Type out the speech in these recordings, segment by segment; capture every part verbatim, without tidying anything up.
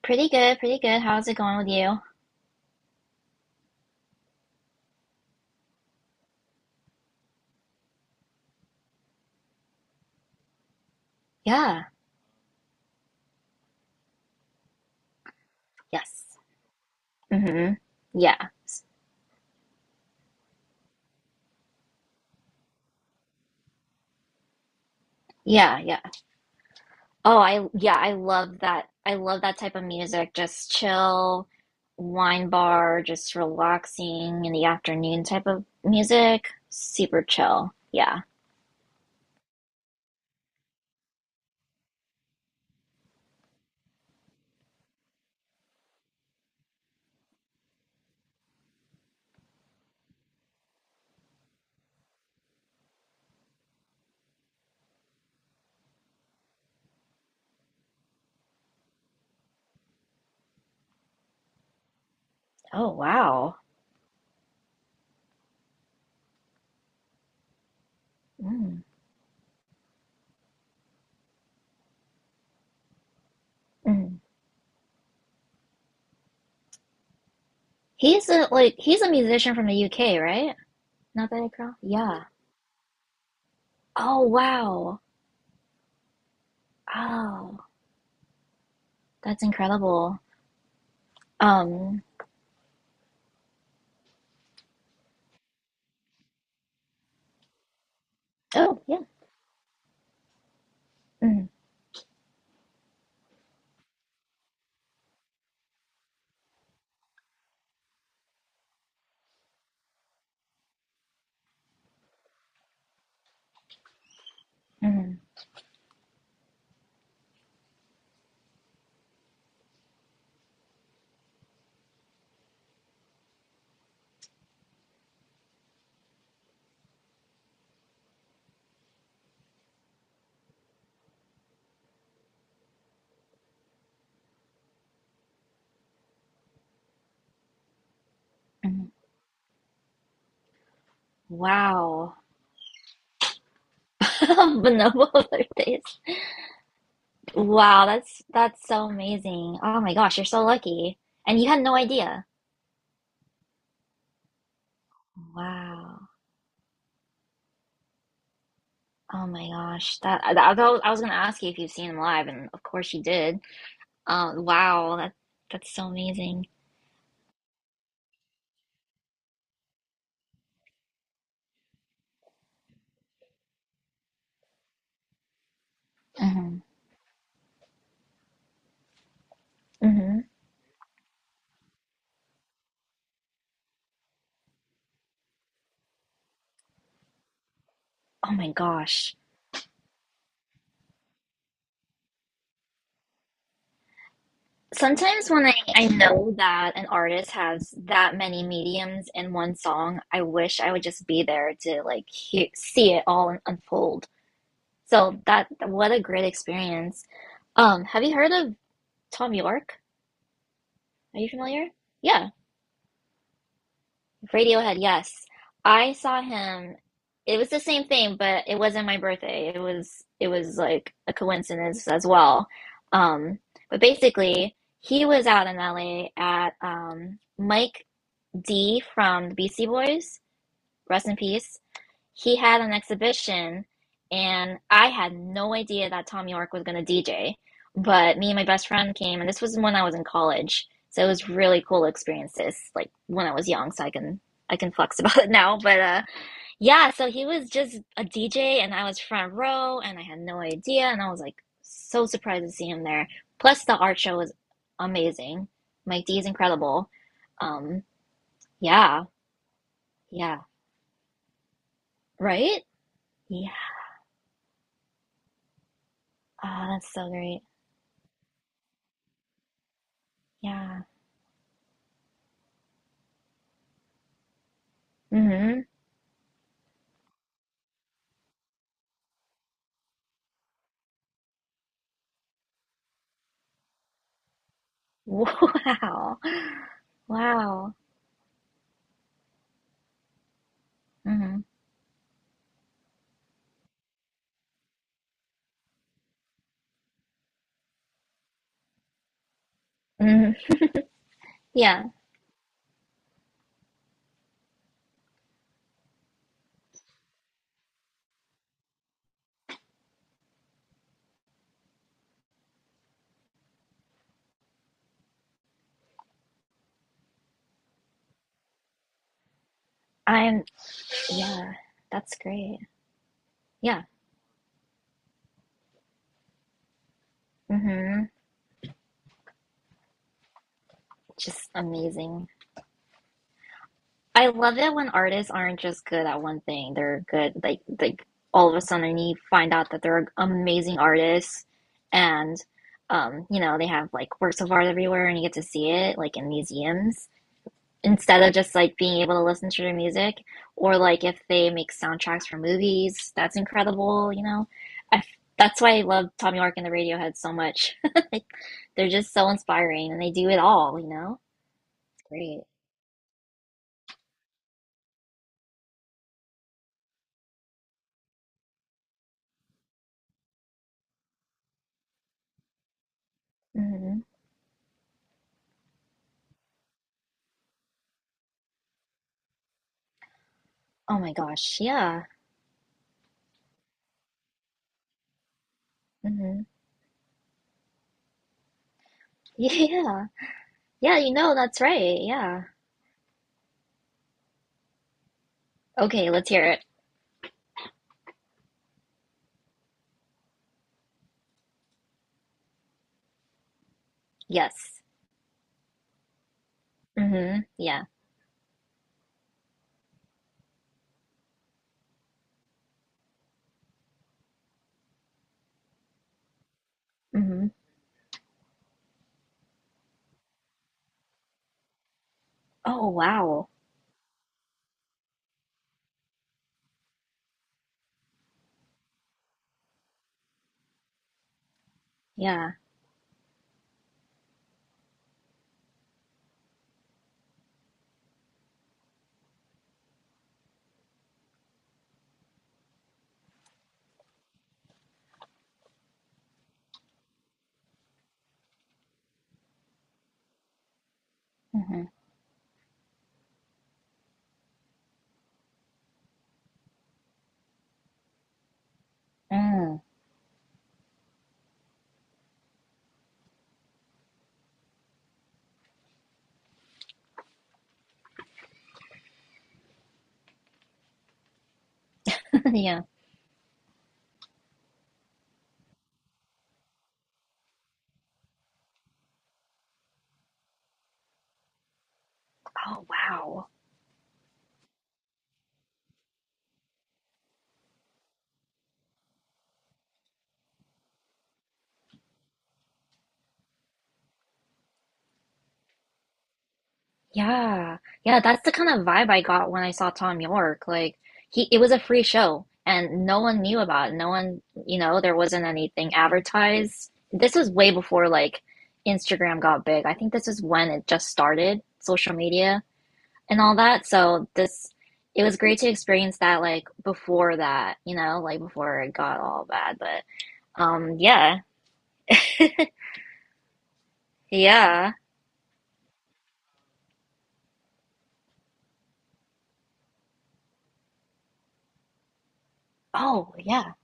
Pretty good, pretty good. How's it going with you? Yeah. Yes. Mm-hmm. Yeah. Yeah, yeah. Oh, I yeah, I love that. I love that type of music. Just chill, wine bar, just relaxing in the afternoon type of music. Super chill. Yeah. Oh, wow. Mm, mm. He's a like he's a musician from the U K, right? Not that I crow? Yeah. Oh, wow. Oh, that's incredible. Um, oh, yeah. Mm, mm. Mhm. Wow. Bonobo birthdays. Wow, that's that's so amazing. Oh my gosh, you're so lucky. And you had no idea. Wow. Oh my gosh. That I, I thought- I was gonna ask you if you've seen him live, and of course you did. Um, wow, that that's so amazing. Hmm. Hmm. Oh my gosh. Sometimes when I, I know that an artist has that many mediums in one song, I wish I would just be there to like hear, see it all unfold. So that, what a great experience. Um, have you heard of Tom York? Are you familiar? Yeah, Radiohead, yes. I saw him. It was the same thing, but it wasn't my birthday. It was it was like a coincidence as well. Um, but basically, he was out in L A at um, Mike D from the Beastie Boys, rest in peace. He had an exhibition and I had no idea that Tom York was going to D J. But me and my best friend came, and this was when I was in college, so it was really cool experiences. Like when I was young, so I can I can flex about it now. But uh, yeah, so he was just a D J, and I was front row, and I had no idea, and I was like so surprised to see him there. Plus, the art show was amazing. Mike D is incredible. Um, yeah, yeah, right? Yeah. Ah, that's so great. Yeah. Mm-hmm. Wow. Wow. Mm-hmm. Hmm. Yeah. I'm, yeah, that's great. Yeah. Mm-hmm. Just amazing. I love it when artists aren't just good at one thing. They're good, like, like all of a sudden you find out that they're amazing artists and, um, you know, they have like works of art everywhere and you get to see it like in museums, instead of just like being able to listen to their music, or like if they make soundtracks for movies, that's incredible, you know. I, that's why I love Tom York and the Radiohead so much, like they're just so inspiring and they do it all, you know. It's great. Hmm. Oh my gosh, yeah. Hmm. Yeah. Yeah, you know, that's right. Yeah. Okay, let's hear it. Yes. Hmm. Yeah. Hmm. Oh wow. Yeah. Hmm. Mm. Yeah. Oh wow. Yeah. Yeah, that's the kind of vibe I got when I saw Tom York. Like he, it was a free show and no one knew about it. No one, you know, there wasn't anything advertised. This was way before like Instagram got big. I think this is when it just started, social media and all that. So this, it was great to experience that like before that, you know, like before it got all bad. But um, yeah. Yeah. Oh, yeah.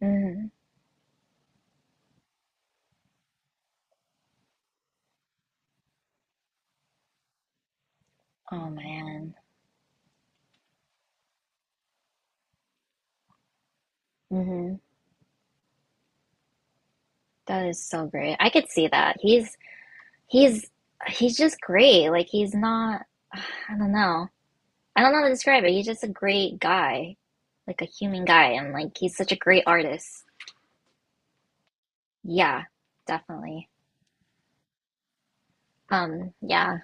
Mm. Oh man. Hmm. That is so great. I could see that. He's he's he's just great. Like he's not, I don't know. I don't know how to describe it. He's just a great guy. Like a human guy, and like he's such a great artist. Yeah, definitely. Um, yeah.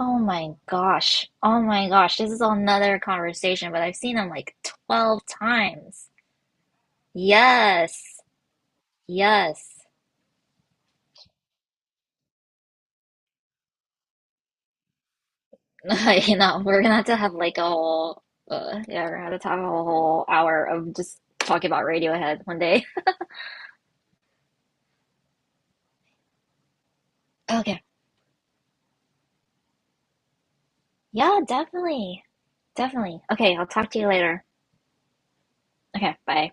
Oh my gosh. Oh my gosh. This is another conversation, but I've seen him like twelve times. Yes. Yes. You know, we're gonna have to have like a whole, uh, yeah, we're gonna have to have a whole hour of just talking about Radiohead one day. Okay. Yeah, definitely. Definitely. Okay, I'll talk to you later. Okay, bye.